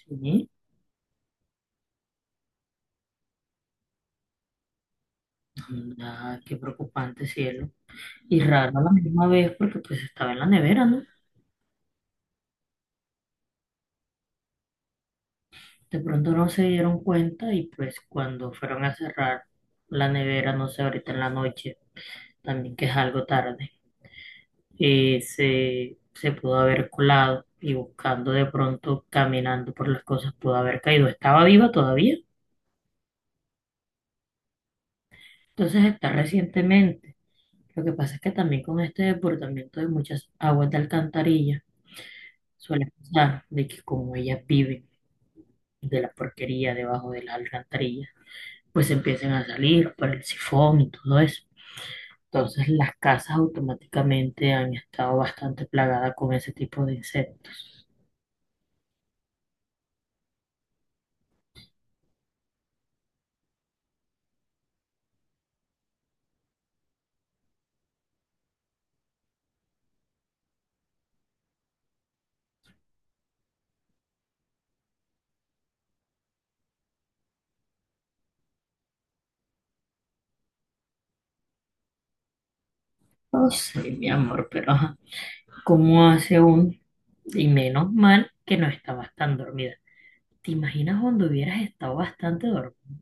Sí, nada, qué preocupante, cielo. Y raro a la misma vez porque pues estaba en la nevera, ¿no? De pronto no se dieron cuenta y pues cuando fueron a cerrar la nevera, no sé, ahorita en la noche, también que es algo tarde, se pudo haber colado y buscando de pronto, caminando por las cosas, pudo haber caído. Estaba viva todavía, entonces está recientemente. Lo que pasa es que también con este desbordamiento de muchas aguas de alcantarilla suele pasar de que como ella vive de la porquería debajo de las alcantarillas, pues empiecen a salir por el sifón y todo eso. Entonces las casas automáticamente han estado bastante plagadas con ese tipo de insectos. No sé, mi amor, pero ajá, ¿cómo hace un? Y menos mal que no estabas tan dormida. ¿Te imaginas cuando hubieras estado bastante dormida?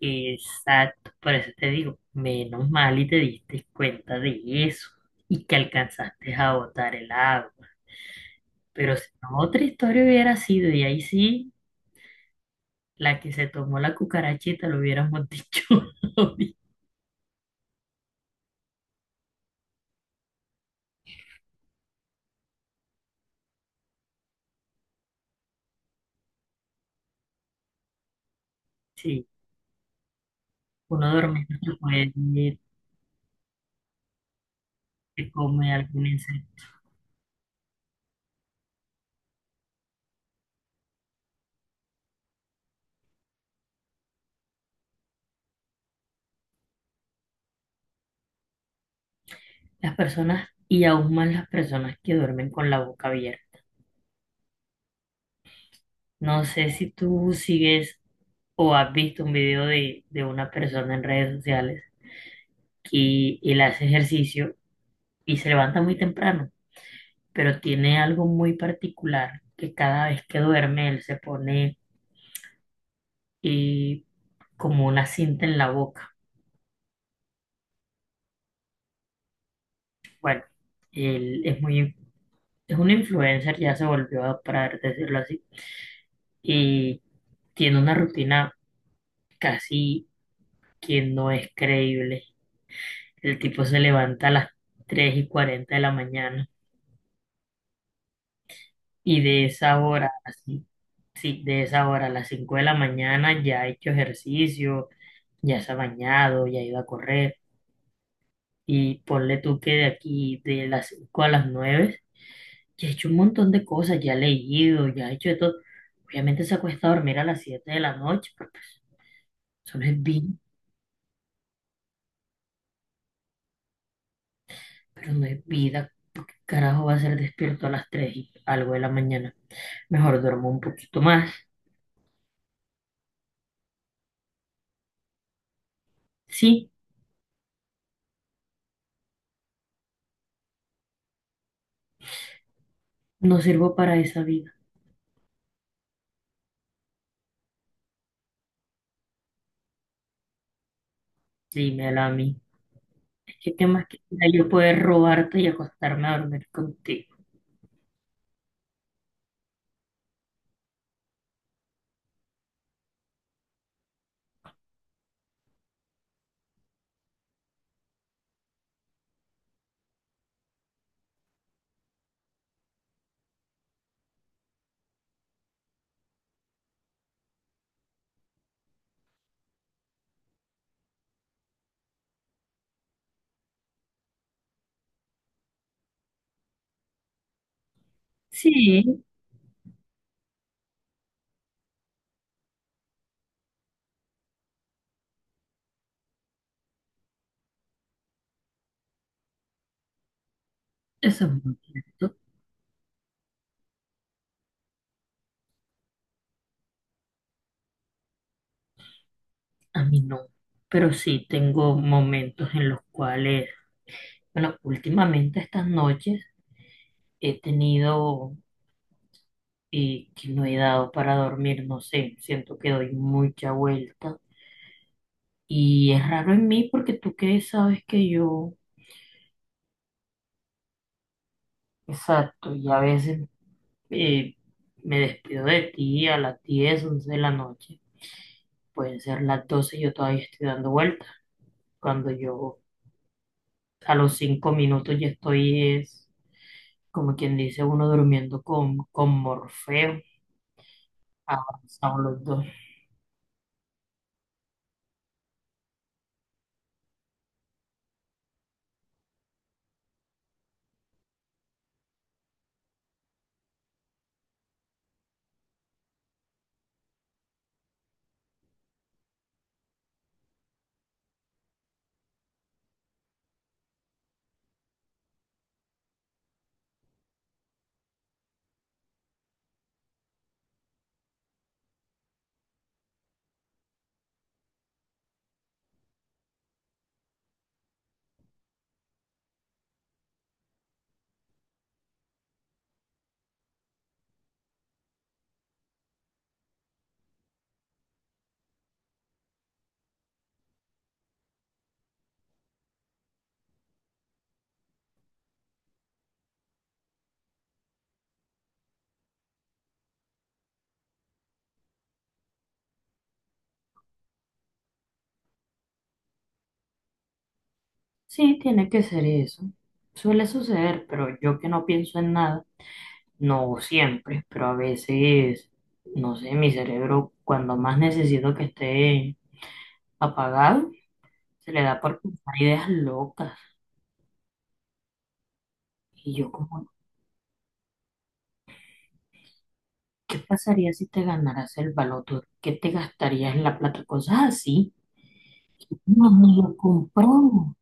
Exacto, por eso te digo, menos mal y te diste cuenta de eso y que alcanzaste a botar el agua. Pero si no, otra historia hubiera sido, y ahí sí la que se tomó la cucarachita, lo hubiéramos dicho. Sí, uno duerme no puede, se come algún insecto. Las personas, y aún más las personas que duermen con la boca abierta. No sé si tú sigues o has visto un video de una persona en redes sociales que él hace ejercicio y se levanta muy temprano, pero tiene algo muy particular, que cada vez que duerme él se pone eh, como una cinta en la boca. Bueno, él es muy es un influencer, ya se volvió para decirlo así, y tiene una rutina casi que no es creíble. El tipo se levanta a las 3:40 de la mañana y de esa hora, así, sí, de esa hora a las 5 de la mañana ya ha hecho ejercicio, ya se ha bañado, ya ha ido a correr. Y ponle tú que de aquí, de las 5 a las 9, ya ha hecho un montón de cosas, ya ha leído, ya ha hecho de todo. Obviamente se acuesta a dormir a las 7 de la noche, porque pues, eso no es vida, pero no es vida. ¿Por ¿Qué carajo va a ser despierto a las 3 y algo de la mañana? Mejor duermo un poquito más. Sí, no sirvo para esa vida. Dímela a mí. Es que qué más quisiera yo poder robarte y acostarme a dormir contigo. Sí, eso es muy cierto. A mí no. Pero sí tengo momentos en los cuales, bueno, últimamente estas noches he tenido que no he dado para dormir, no sé, siento que doy mucha vuelta. Y es raro en mí porque tú que sabes que yo, exacto, y a veces eh, me despido de ti a las 10 11 de la noche, pueden ser las 12 y yo todavía estoy dando vueltas, cuando yo a los 5 minutos ya estoy, es como quien dice uno durmiendo con, Morfeo, abrazados los dos. Sí, tiene que ser eso, suele suceder, pero yo que no pienso en nada. No siempre, pero a veces, no sé, mi cerebro cuando más necesito que esté apagado, se le da por pensar ideas locas. Y yo como, ¿qué pasaría si te ganaras el baloto? ¿Qué te gastarías en la plata? Cosas así. No, ni lo compramos,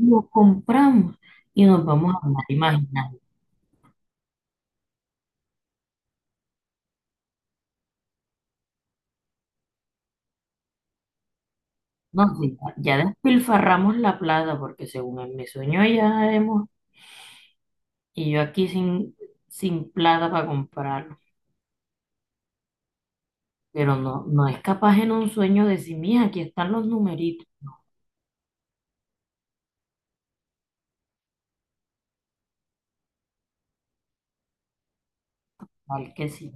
no lo compramos. Y nos vamos a andar imaginando. No, sí, ya despilfarramos la plata porque según en mi sueño ya hemos, y yo aquí sin, plata para comprar. Pero no, no es capaz en un sueño de sí mija, aquí están los numeritos, tal que sí,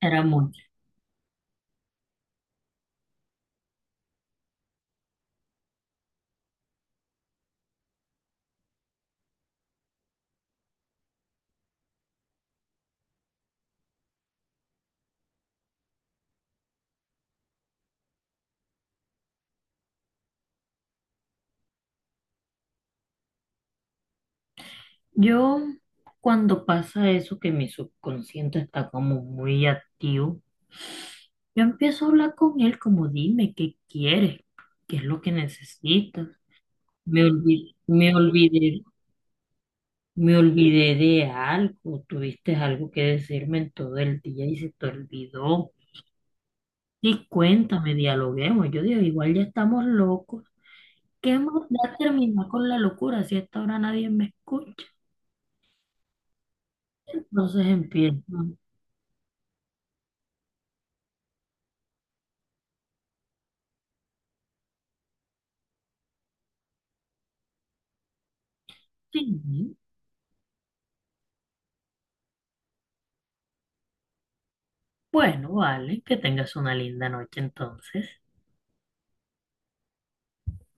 era mucho. Yo, cuando pasa eso, que mi subconsciente está como muy activo, yo empiezo a hablar con él como dime qué quieres, qué es lo que necesitas. Me olvidé, me olvidé, me olvidé de algo, tuviste algo que decirme en todo el día y se te olvidó. Y cuéntame, dialoguemos. Yo digo, igual ya estamos locos. Que más da terminar con la locura si a esta hora nadie me escucha? Entonces empiezo. Sí. Bueno, vale, que tengas una linda noche entonces.